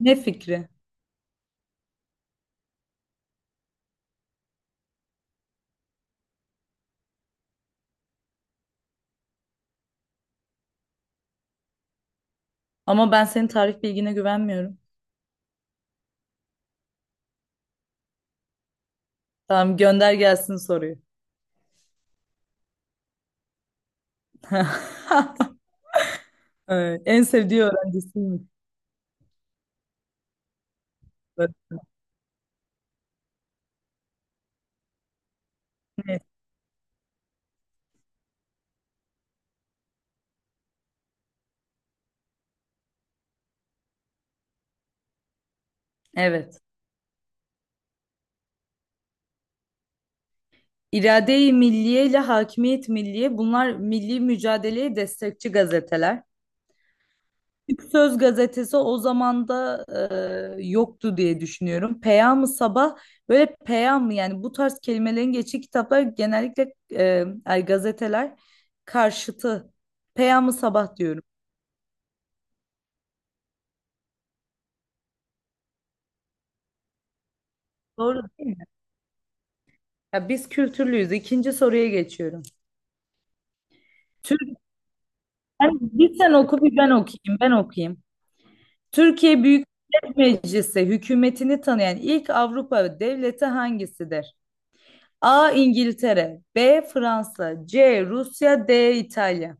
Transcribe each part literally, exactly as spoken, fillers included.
Ne fikri? Ama ben senin tarih bilgine güvenmiyorum. Tamam, gönder gelsin soruyu. Evet, en sevdiği öğrencisiymiş. Evet. Evet. İrade-i Milliye ile Hakimiyet Milliye, bunlar milli mücadeleye destekçi gazeteler. Türk Söz gazetesi o zaman da e, yoktu diye düşünüyorum. Peyam-ı Sabah, böyle peyam, yani bu tarz kelimelerin geçtiği kitaplar genellikle e, ay, gazeteler karşıtı. Peyam-ı Sabah diyorum. Doğru değil mi? Ya, biz kültürlüyüz. İkinci soruya geçiyorum. Türk, Ben- bir sen oku, bir ben okuyayım. Ben okuyayım. Türkiye Büyük Millet Meclisi hükümetini tanıyan ilk Avrupa devleti hangisidir? A. İngiltere, B. Fransa, C. Rusya, D. İtalya.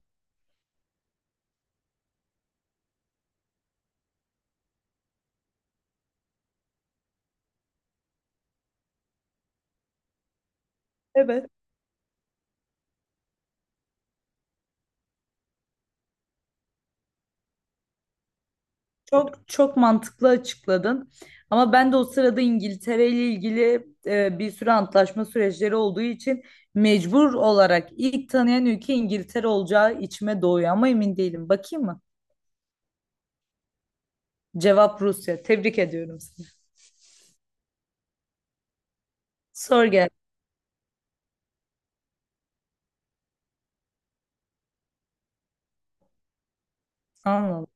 Evet. Çok çok mantıklı açıkladın. Ama ben de o sırada İngiltere ile ilgili e, bir sürü antlaşma süreçleri olduğu için mecbur olarak ilk tanıyan ülke İngiltere olacağı içime doğuyor ama emin değilim. Bakayım mı? Cevap Rusya. Tebrik ediyorum seni. Sor gel. Anladım.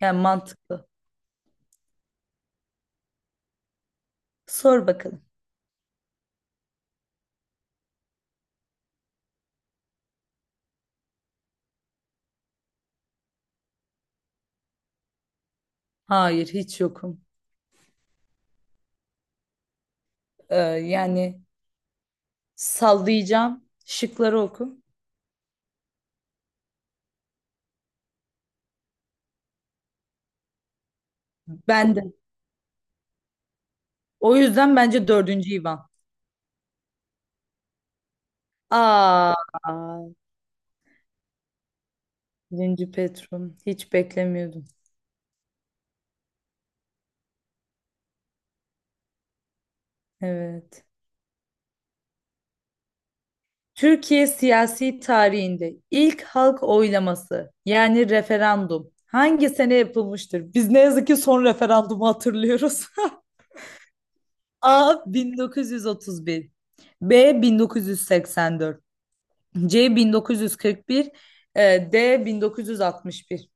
Yani mantıklı. Sor bakalım. Hayır, hiç yokum. Ee, yani sallayacağım. Şıkları oku. Ben de. O yüzden bence dördüncü İvan. Aa, birinci Petrum. Hiç beklemiyordum. Evet. Türkiye siyasi tarihinde ilk halk oylaması, yani referandum, hangi sene yapılmıştır? Biz ne yazık ki son referandumu hatırlıyoruz. A bin dokuz yüz otuz bir, B bin dokuz yüz seksen dört, C bin dokuz yüz kırk bir, e, D bin dokuz yüz altmış bir.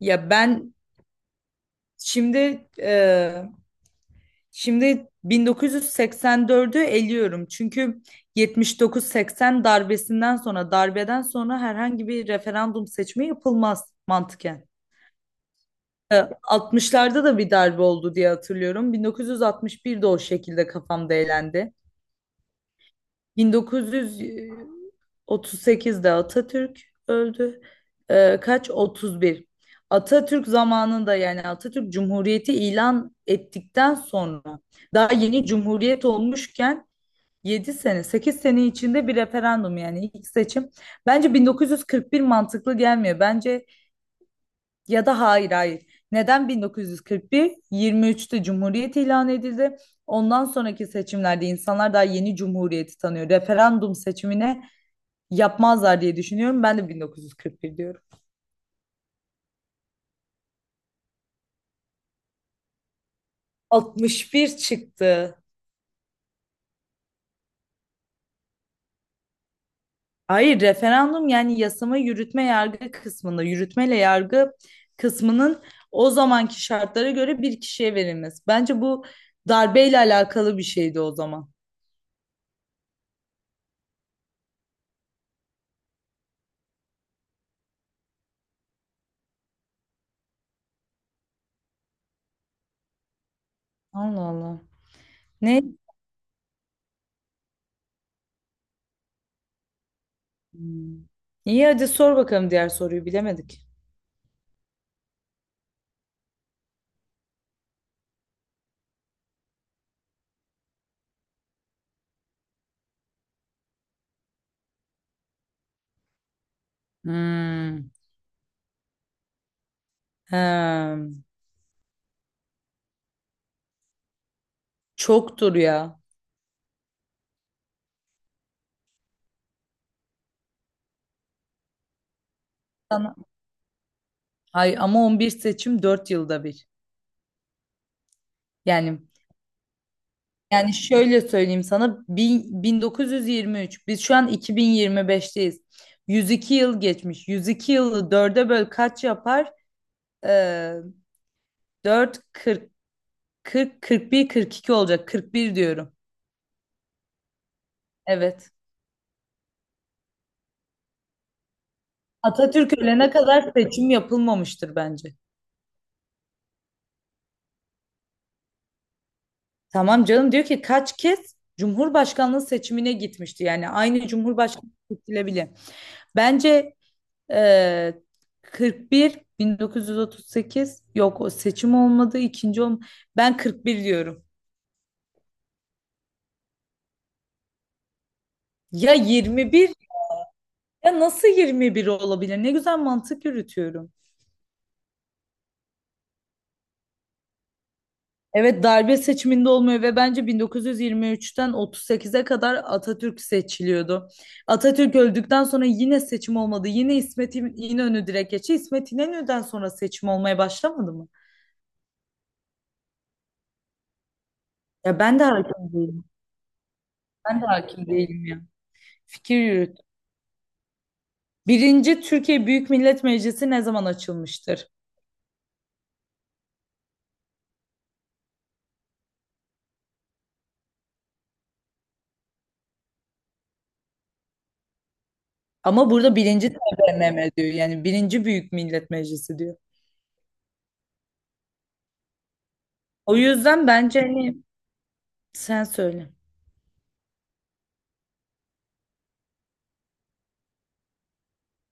Ya ben şimdi e, şimdi bin dokuz yüz seksen dördü eliyorum. Çünkü yetmiş dokuz seksen darbesi darbesinden sonra, darbeden sonra, herhangi bir referandum seçimi yapılmaz mantıken. E, altmışlarda da bir darbe oldu diye hatırlıyorum. bin dokuz yüz altmış birde o şekilde kafamda elendi. bin dokuz yüz otuz sekizde Atatürk öldü. Ee, kaç? otuz bir. Atatürk zamanında, yani Atatürk Cumhuriyeti ilan ettikten sonra, daha yeni Cumhuriyet olmuşken yedi sene, sekiz sene içinde bir referandum, yani ilk seçim. Bence bin dokuz yüz kırk bir mantıklı gelmiyor. Bence ya da hayır, hayır. Neden bin dokuz yüz kırk bir? yirmi üçte Cumhuriyet ilan edildi. Ondan sonraki seçimlerde insanlar daha yeni Cumhuriyeti tanıyor. Referandum seçimine yapmazlar diye düşünüyorum. Ben de bin dokuz yüz kırk bir diyorum. altmış bir çıktı. Hayır, referandum yani yasama, yürütme, yargı kısmında yürütmeyle yargı kısmının o zamanki şartlara göre bir kişiye verilmesi. Bence bu darbeyle alakalı bir şeydi o zaman. Allah Allah. Ne? Hmm. İyi, hadi sor bakalım diğer soruyu, bilemedik. Hmm. Hem. Çoktur ya. Sana- Ay, ama on bir seçim dört yılda bir. Yani Yani şöyle söyleyeyim sana, bin- 1923, biz şu an iki bin yirmi beşteyiz. yüz iki yıl geçmiş. yüz iki yılı dörde böl, kaç yapar? Ee, dört, kırk, kırk, kırk bir, kırk iki olacak. kırk bir diyorum. Evet. Atatürk ölene kadar seçim yapılmamıştır bence. Tamam canım, diyor ki kaç kez Cumhurbaşkanlığı seçimine gitmişti. Yani aynı Cumhurbaşkanı seçilebilir. Bence Ee, kırk bir, bin dokuz yüz otuz sekiz yok, o seçim olmadı, ikinci olm ben kırk bir diyorum. Ya yirmi bir, ya nasıl yirmi bir olabilir? Ne güzel mantık yürütüyorum. Evet, darbe seçiminde olmuyor ve bence bin dokuz yüz yirmi üçten otuz sekize kadar Atatürk seçiliyordu. Atatürk öldükten sonra yine seçim olmadı. Yine İsmet İm- İnönü direkt geçti. İsmet İnönü'den sonra seçim olmaya başlamadı mı? Ya, ben de hakim değilim. Ben de hakim değilim ya. Fikir yürüt. Birinci Türkiye Büyük Millet Meclisi ne zaman açılmıştır? Ama burada birinci T B M M diyor. Yani birinci Büyük Millet Meclisi diyor. O yüzden bence hani sen söyle.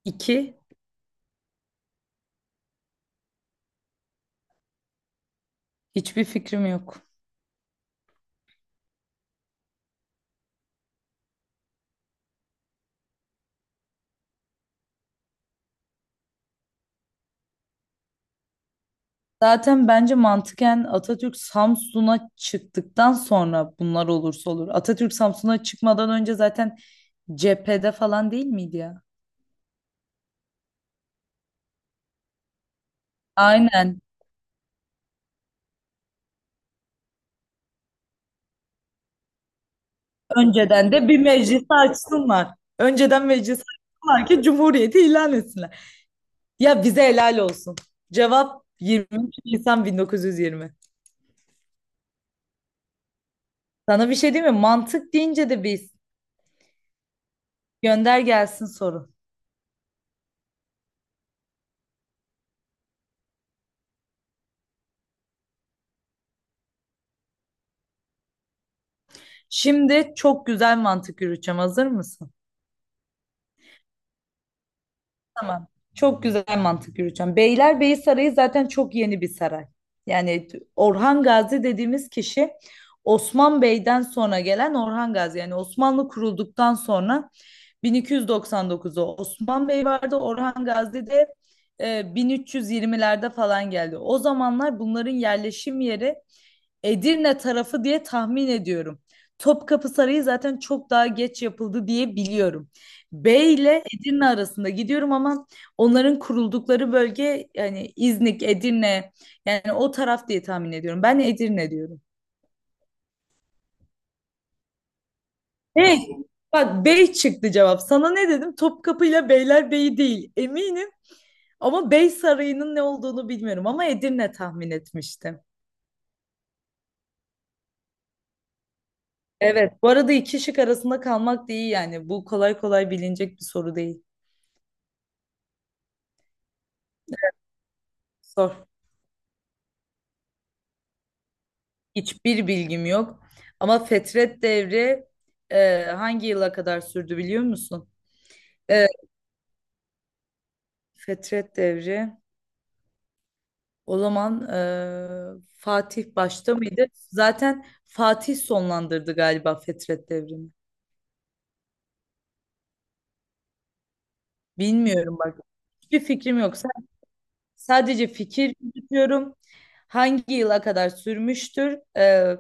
İki, hiçbir fikrim yok. Zaten bence mantıken Atatürk Samsun'a çıktıktan sonra bunlar olursa olur. Atatürk Samsun'a çıkmadan önce zaten cephede falan değil miydi ya? Aynen. Önceden de bir meclis açsınlar. Önceden meclis açsınlar ki cumhuriyeti ilan etsinler. Ya bize helal olsun. Cevap yirmi üç Nisan bin dokuz yüz yirmi. Sana bir şey diyeyim mi? Mantık deyince de biz. Gönder gelsin soru. Şimdi çok güzel mantık yürüteceğim. Hazır mısın? Tamam. Çok güzel mantık yürüteceğim. Beylerbeyi Sarayı zaten çok yeni bir saray. Yani Orhan Gazi dediğimiz kişi Osman Bey'den sonra gelen Orhan Gazi. Yani Osmanlı kurulduktan sonra bin iki yüz doksan dokuzu Osman Bey vardı. Orhan Gazi de e, bin üç yüz yirmilerde falan geldi. O zamanlar bunların yerleşim yeri Edirne tarafı diye tahmin ediyorum. Topkapı Sarayı zaten çok daha geç yapıldı diye biliyorum. Bey ile Edirne arasında gidiyorum ama onların kuruldukları bölge, yani İznik, Edirne, yani o taraf diye tahmin ediyorum. Ben Edirne diyorum. Bey, bak, Bey çıktı cevap. Sana ne dedim? Topkapı ile Beylerbeyi değil. Eminim. Ama Bey Sarayı'nın ne olduğunu bilmiyorum ama Edirne tahmin etmiştim. Evet. Bu arada iki şık arasında kalmak da iyi yani. Bu kolay kolay bilinecek bir soru değil. Sor. Hiçbir bilgim yok. Ama Fetret Devri e, hangi yıla kadar sürdü biliyor musun? E, Fetret Devri o zaman, e, Fatih başta mıydı? Zaten Fatih sonlandırdı galiba Fetret Devri'ni. Bilmiyorum bak. Hiçbir fikrim yok. Sadece fikir yürütüyorum. Hangi yıla kadar sürmüştür? Ee,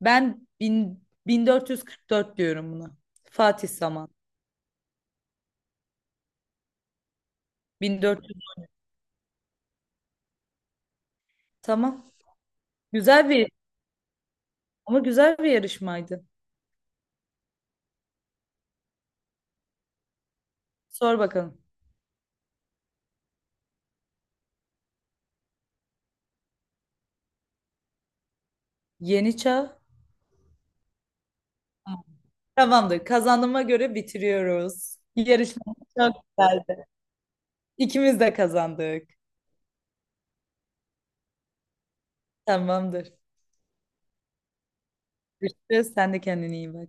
ben bin- 1444 diyorum buna. Fatih Saman. bin dört yüz. Tamam. Güzel bir, ama güzel bir yarışmaydı. Sor bakalım. Yeni çağ. Tamamdır. Kazandığıma göre bitiriyoruz. Yarışma çok güzeldi. İkimiz de kazandık. Tamamdır. Görüşürüz. Sen de kendine iyi bak.